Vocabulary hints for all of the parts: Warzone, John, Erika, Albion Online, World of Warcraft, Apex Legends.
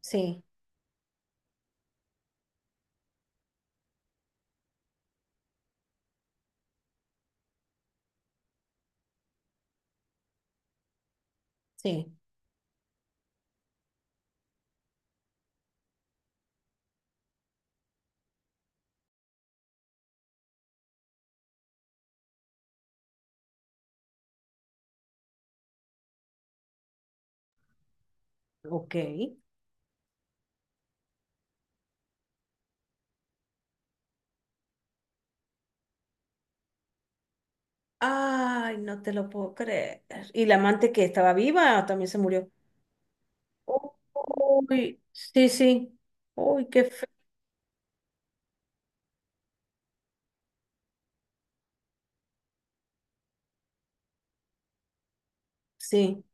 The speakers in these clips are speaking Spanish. Sí, sí, ok. Ay, no te lo puedo creer. ¿Y la amante que estaba viva también se murió? Uy, sí, sí. Uy, qué feo. Sí.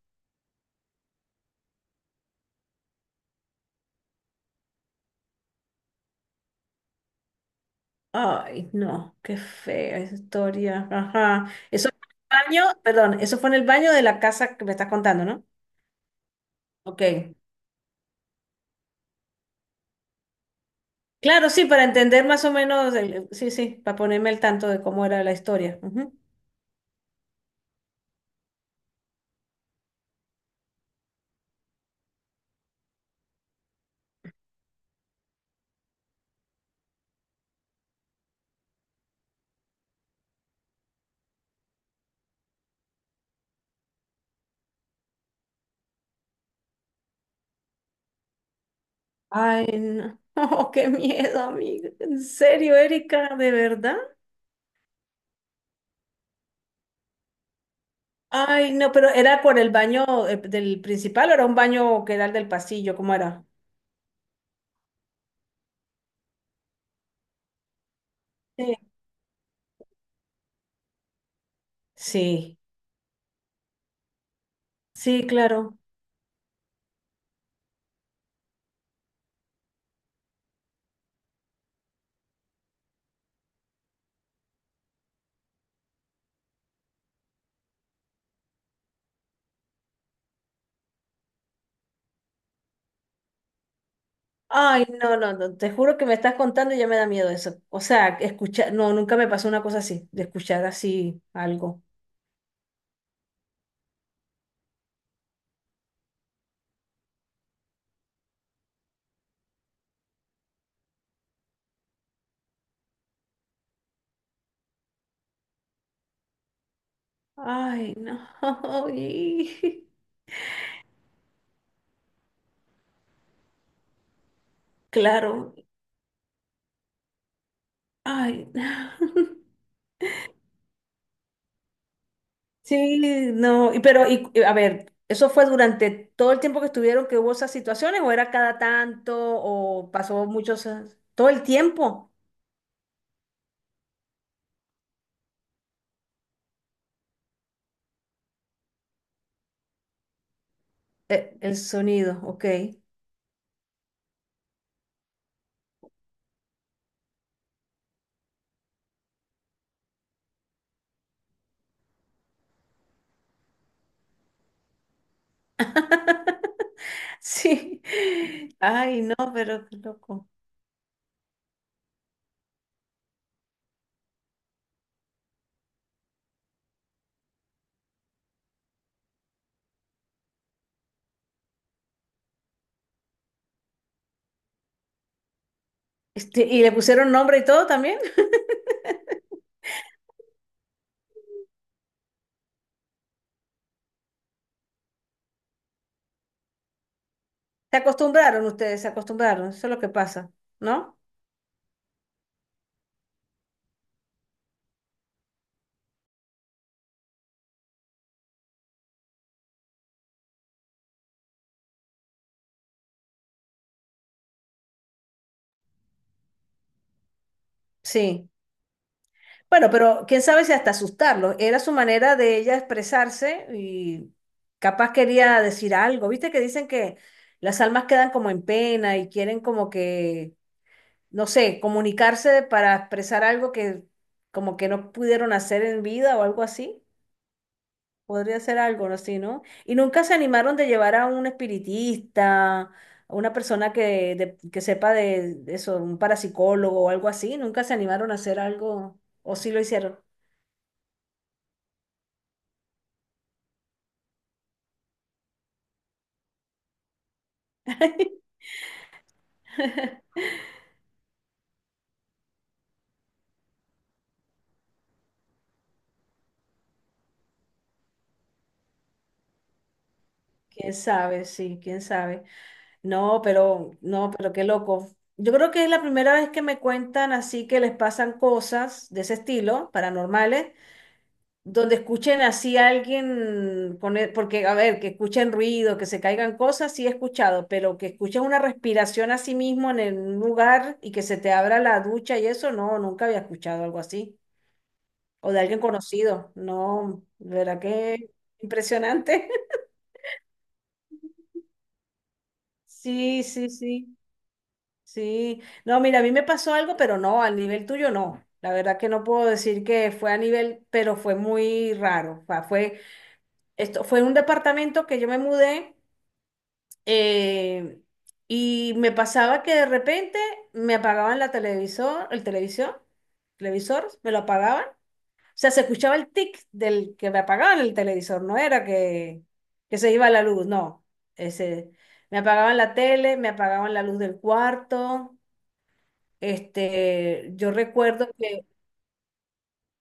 Ay, no, qué fea esa historia. Ajá. Eso fue en el baño, perdón, eso fue en el baño de la casa que me estás contando, ¿no? Ok. Claro, sí, para entender más o menos, sí, sí, para ponerme al tanto de cómo era la historia. Ujú. Ay, no. Qué miedo, amiga. ¿En serio, Erika? ¿De verdad? Ay, no, pero ¿era por el baño del principal o era un baño que era el del pasillo? ¿Cómo era? Sí. Sí, sí, claro. Ay, no, no, no, te juro que me estás contando y ya me da miedo eso. O sea, escuchar, no, nunca me pasó una cosa así, de escuchar así algo. Ay, no. Claro. Ay. Sí, no, y pero a ver, ¿eso fue durante todo el tiempo que estuvieron que hubo esas situaciones o era cada tanto o pasó muchos años? Todo el tiempo. El sonido, ok. Sí. Ay, no, pero qué loco. Este, y le pusieron nombre y todo también. Se acostumbraron ustedes, se acostumbraron, eso es lo que pasa, ¿no? Sí. Bueno, pero quién sabe si hasta asustarlos. Era su manera de ella expresarse y capaz quería decir algo. Viste que dicen que las almas quedan como en pena y quieren como que, no sé, comunicarse para expresar algo que como que no pudieron hacer en vida o algo así. Podría ser algo así, ¿no? Y nunca se animaron de llevar a un espiritista, a una persona que, que sepa de eso, un parapsicólogo o algo así. Nunca se animaron a hacer algo, o sí lo hicieron. Quién sabe, sí, quién sabe. No, pero, no, pero qué loco. Yo creo que es la primera vez que me cuentan así que les pasan cosas de ese estilo, paranormales, donde escuchen así a alguien con porque, a ver, que escuchen ruido, que se caigan cosas, sí he escuchado, pero que escuchen una respiración a sí mismo en un lugar y que se te abra la ducha y eso, no, nunca había escuchado algo así. O de alguien conocido, no, de verdad que impresionante. Sí, sí, sí. Sí, no, mira, a mí me pasó algo, pero no, al nivel tuyo no. La verdad que no puedo decir que fue a nivel, pero fue muy raro. O sea, fue, esto, fue un departamento que yo me mudé, eh, y me pasaba que de repente me apagaban la televisor, el televisor, televisor, me lo apagaban. O sea, se escuchaba el tic del que me apagaban el televisor, no era que se iba la luz, no. Ese, me apagaban la tele, me apagaban la luz del cuarto. Este, yo recuerdo que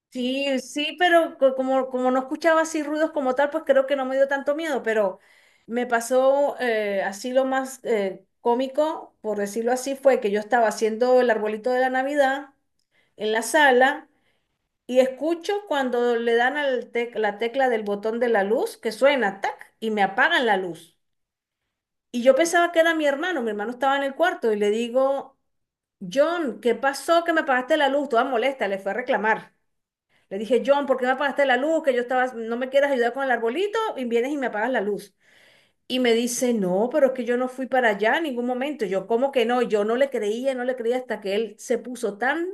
sí, sí, pero como, como no escuchaba así ruidos como tal, pues creo que no me dio tanto miedo, pero me pasó así lo más cómico, por decirlo así, fue que yo estaba haciendo el arbolito de la Navidad en la sala y escucho cuando le dan al la tecla del botón de la luz que suena, tac, y me apagan la luz. Y yo pensaba que era mi hermano estaba en el cuarto y le digo, John, ¿qué pasó que me apagaste la luz? Toda molesta, le fue a reclamar. Le dije, John, ¿por qué me apagaste la luz? Que yo estaba, no me quieres ayudar con el arbolito y vienes y me apagas la luz. Y me dice, no, pero es que yo no fui para allá en ningún momento. Yo, ¿cómo que no? Yo no le creía, no le creía hasta que él se puso tan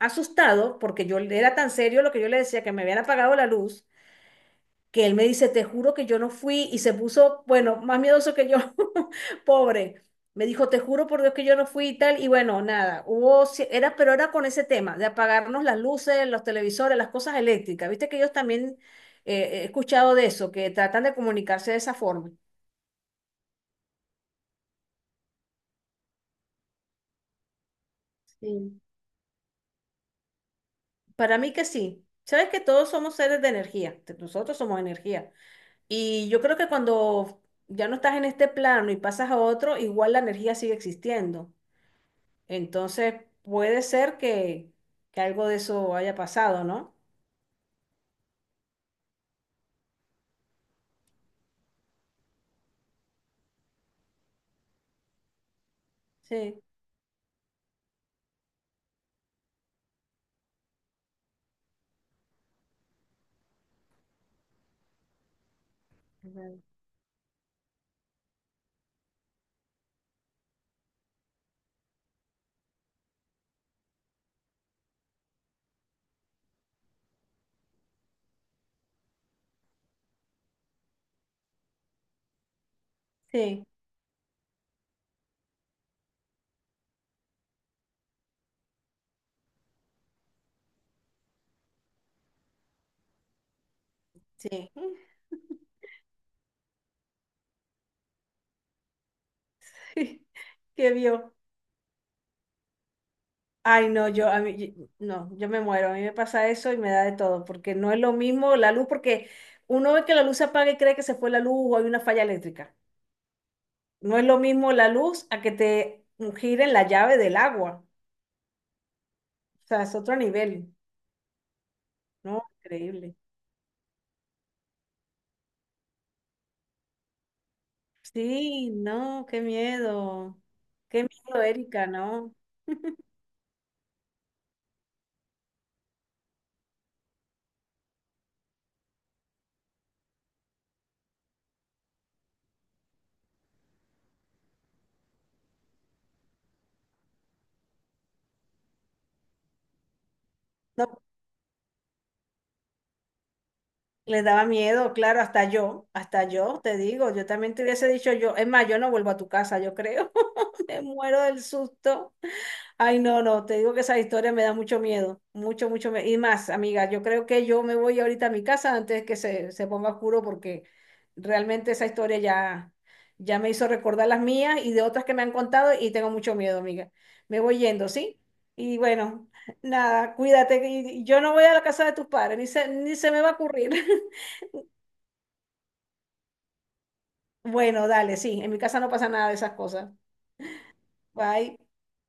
asustado porque yo era tan serio lo que yo le decía que me habían apagado la luz que él me dice, te juro que yo no fui, y se puso, bueno, más miedoso que yo, pobre. Me dijo, te juro por Dios que yo no fui y tal, y bueno, nada, hubo, era, pero era con ese tema, de apagarnos las luces, los televisores, las cosas eléctricas. Viste que ellos también he escuchado de eso, que tratan de comunicarse de esa forma. Sí. Para mí que sí. Sabes que todos somos seres de energía, nosotros somos energía. Y yo creo que cuando ya no estás en este plano y pasas a otro, igual la energía sigue existiendo. Entonces, puede ser que algo de eso haya pasado, ¿no? Sí, ujú, sí, sí. ¿Qué vio? Ay, no, yo, a mí, no, yo me muero, a mí me pasa eso y me da de todo, porque no es lo mismo la luz, porque uno ve que la luz se apaga y cree que se fue la luz o hay una falla eléctrica. No es lo mismo la luz a que te giren la llave del agua. O sea, es otro nivel, ¿no? Increíble. Sí, no, qué miedo. Qué miedo, Erika, ¿no? No, les daba miedo, claro, hasta yo, te digo, yo también te hubiese dicho yo, es más, yo no vuelvo a tu casa, yo creo. Me muero del susto. Ay, no, no, te digo que esa historia me da mucho miedo, mucho, mucho miedo. Y más, amiga, yo creo que yo me voy ahorita a mi casa antes que se ponga oscuro porque realmente esa historia ya, ya me hizo recordar las mías y de otras que me han contado y tengo mucho miedo, amiga. Me voy yendo, ¿sí? Y bueno, nada, cuídate, que y yo no voy a la casa de tus padres, ni se, ni se me va a ocurrir. Bueno, dale, sí, en mi casa no pasa nada de esas cosas. Bye.